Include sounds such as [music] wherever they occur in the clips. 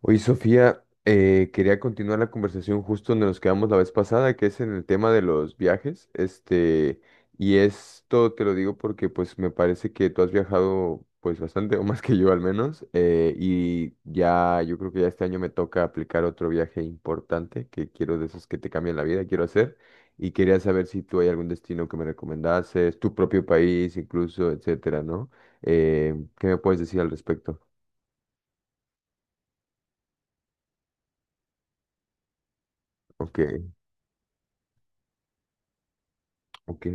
Oye, Sofía, quería continuar la conversación justo donde nos quedamos la vez pasada, que es en el tema de los viajes. Y esto te lo digo porque pues me parece que tú has viajado pues bastante, o más que yo al menos, y ya yo creo que ya este año me toca aplicar otro viaje importante que quiero de esos que te cambian la vida, quiero hacer. Y quería saber si tú hay algún destino que me recomendases, tu propio país incluso, etcétera, ¿no? ¿qué me puedes decir al respecto? Ok, ok.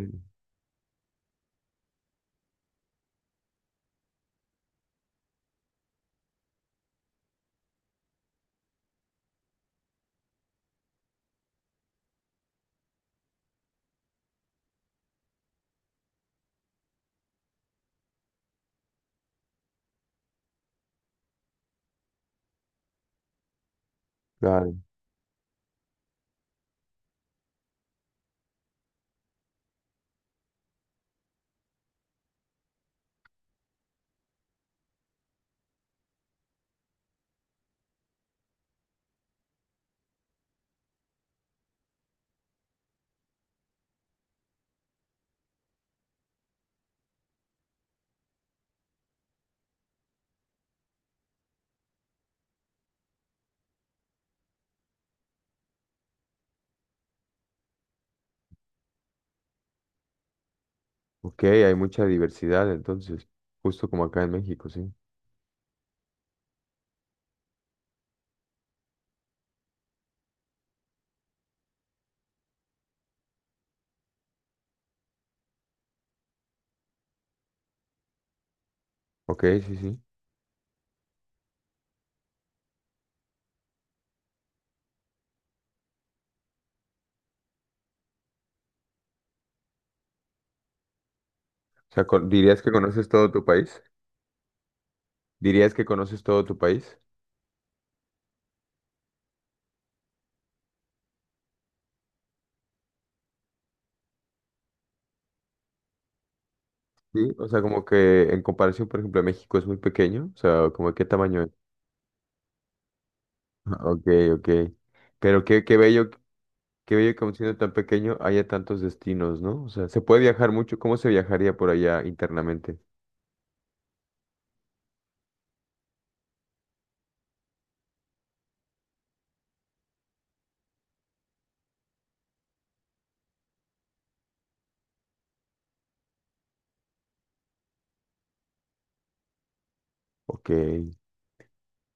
Ok, hay mucha diversidad entonces, justo como acá en México, sí. Ok, sí, sí. O sea, ¿dirías que conoces todo tu país? ¿Dirías que conoces todo tu país? Sí, o sea, como que en comparación, por ejemplo, a México es muy pequeño, o sea, como de qué tamaño es. [laughs] Ok, ok. Pero qué, qué bello que aun siendo tan pequeño haya tantos destinos, ¿no? O sea, se puede viajar mucho, ¿cómo se viajaría por allá internamente? Ok,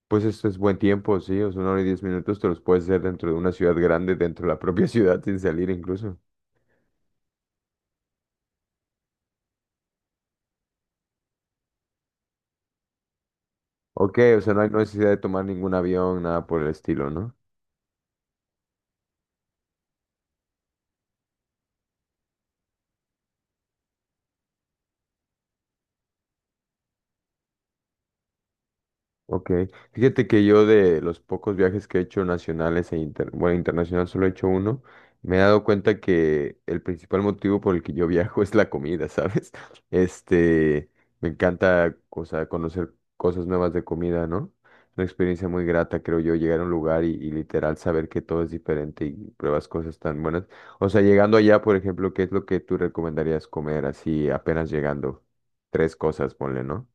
pues esto es buen tiempo, sí, o sea, una hora y diez minutos te los puedes hacer dentro de una ciudad grande, dentro de la propia [laughs] ciudad, sin salir incluso. Ok, o sea, no hay necesidad de tomar ningún avión, nada por el estilo, ¿no? Ok, fíjate que yo de los pocos viajes que he hecho nacionales e bueno, internacional solo he hecho uno, me he dado cuenta que el principal motivo por el que yo viajo [laughs] es la comida, ¿sabes? [laughs] Este, me encanta, o sea, conocer cosas nuevas de comida, ¿no? Una experiencia muy grata, creo yo, llegar a un lugar y literal saber que todo es diferente y pruebas cosas tan buenas. O sea, llegando allá, por ejemplo, ¿qué es lo que tú recomendarías comer así apenas llegando? Tres cosas, ponle, ¿no?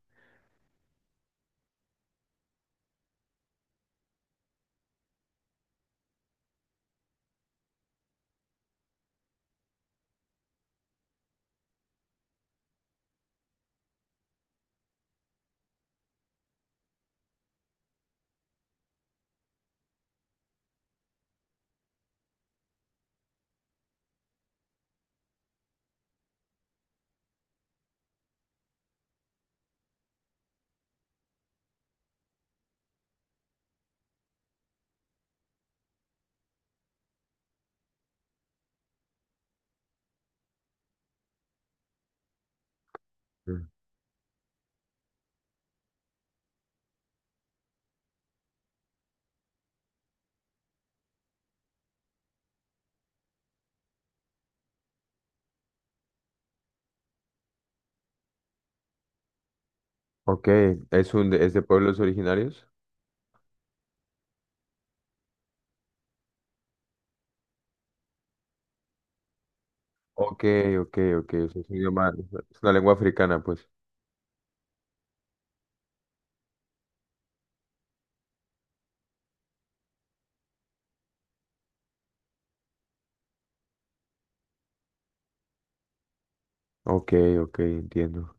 Ok, ¿es, un, es de pueblos originarios? Ok, ok, ok, o sea, es un es una lengua africana, pues. Ok, ok, entiendo.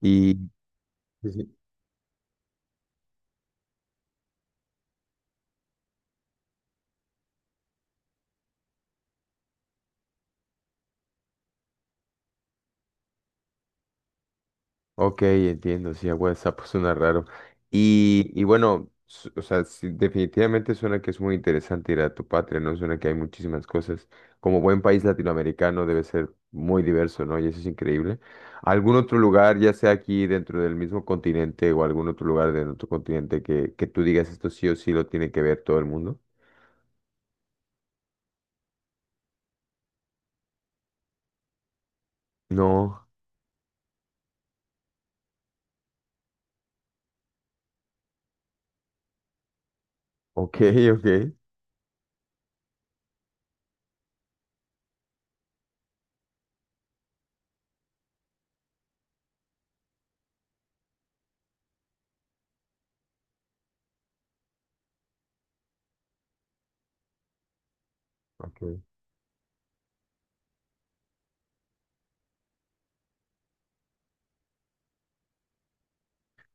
Y... Ok, entiendo, sí, a WhatsApp suena raro. Y bueno, o sea, sí, definitivamente suena que es muy interesante ir a tu patria, ¿no? Suena que hay muchísimas cosas. Como buen país latinoamericano debe ser muy diverso, ¿no? Y eso es increíble. ¿Algún otro lugar, ya sea aquí dentro del mismo continente o algún otro lugar de otro continente que tú digas esto sí o sí lo tiene que ver todo el mundo? No, ok, ok. Ok,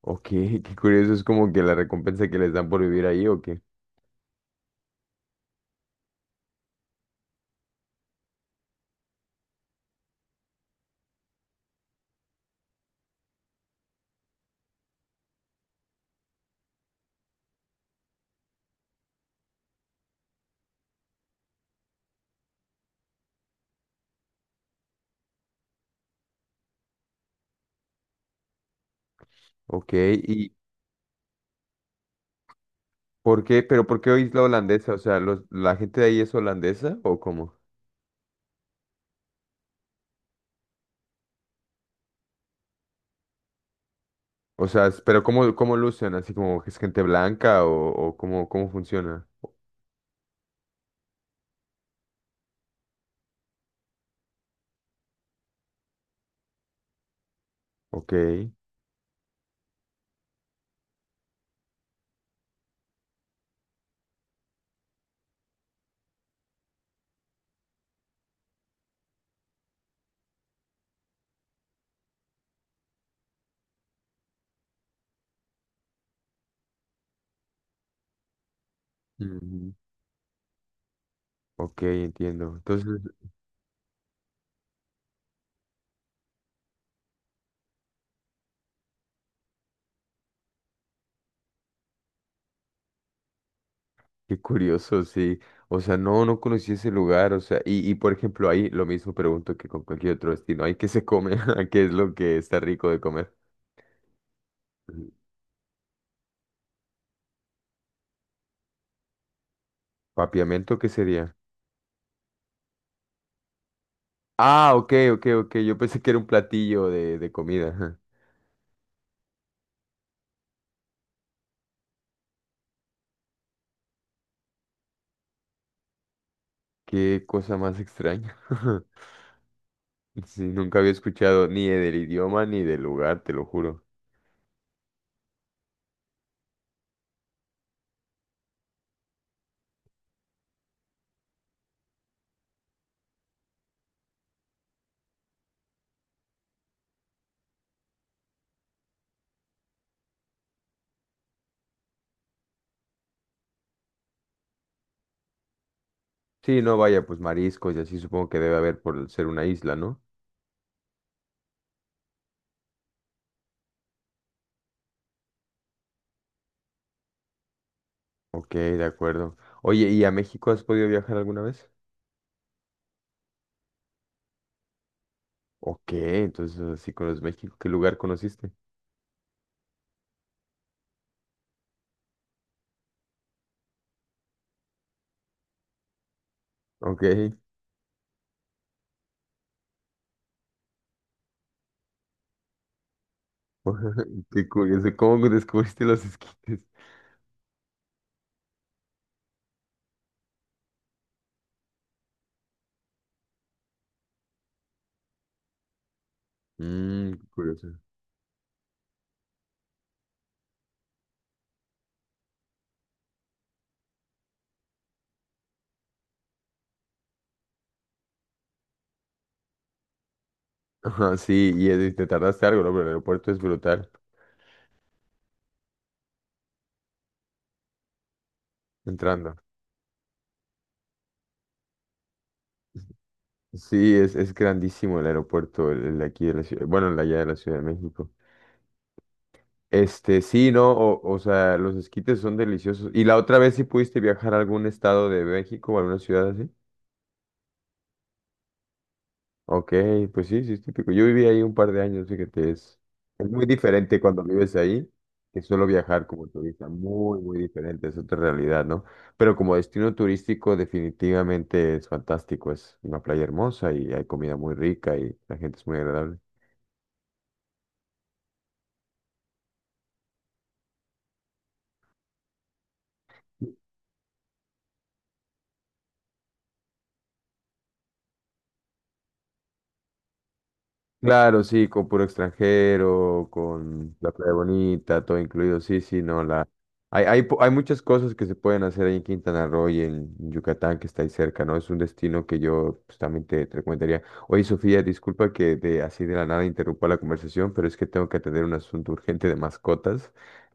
ok, [laughs] qué curioso, es como que la recompensa que les dan por vivir ahí, ok, ok, y, ¿Por qué? ¿Pero por qué oís la holandesa? O sea, los, ¿la gente de ahí es holandesa o cómo? O sea, ¿pero cómo, cómo lucen? ¿Así como que es gente blanca o cómo, cómo funciona? Ok. Ujú. Ok, entiendo. Entonces, qué curioso, sí. O sea, no, no conocí ese lugar. O sea, y por ejemplo, ahí lo mismo pregunto que con cualquier otro destino. ¿Ahí qué se come? [laughs] ¿Qué es lo que está rico de comer? Ujú. ¿Papiamento qué sería? Ah, ok, ok, ok. Yo pensé que era un platillo de comida. Qué cosa más extraña. [laughs] Sí, nunca había escuchado ni del idioma ni del lugar, te lo juro. Sí, no, vaya, pues mariscos y así supongo que debe haber por ser una isla, ¿no? Ok, de acuerdo. Oye, ¿y a México has podido viajar alguna vez? Ok, entonces así conoces México. ¿Qué lugar conociste? Ok, [laughs] qué curioso. ¿Cómo descubriste los esquites? Mmm, qué curioso. [laughs] Ajá, sí, y te tardaste algo, ¿no? Pero el aeropuerto es brutal entrando. Sí, es grandísimo el aeropuerto, el de aquí de la ciudad, bueno, el de allá de la Ciudad de México. Sí, no, o sea, los esquites son deliciosos. ¿Y la otra vez sí pudiste viajar a algún estado de México o alguna ciudad así? Ok, pues sí, sí es típico. Yo viví ahí un par de años, fíjate, es muy diferente cuando vives ahí que solo viajar como turista, muy, muy diferente, es otra realidad, ¿no? Pero como destino turístico definitivamente es fantástico, es una playa hermosa y hay comida muy rica y la gente es muy agradable. Claro, sí, con puro extranjero, con la playa bonita, todo incluido. Sí, sí, no, la... Hay, hay muchas cosas que se pueden hacer ahí en Quintana Roo y en Yucatán, que está ahí cerca, ¿no? Es un destino que yo pues, también te recomendaría. Oye, Sofía, disculpa que de, así de la nada interrumpa la conversación, pero es que tengo que atender un asunto [laughs] urgente de mascotas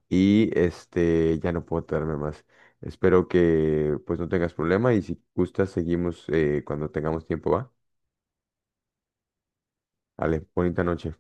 y ya no puedo tardarme más. Espero que pues no tengas problema y si gustas seguimos cuando tengamos tiempo, ¿va? Vale, bonita noche.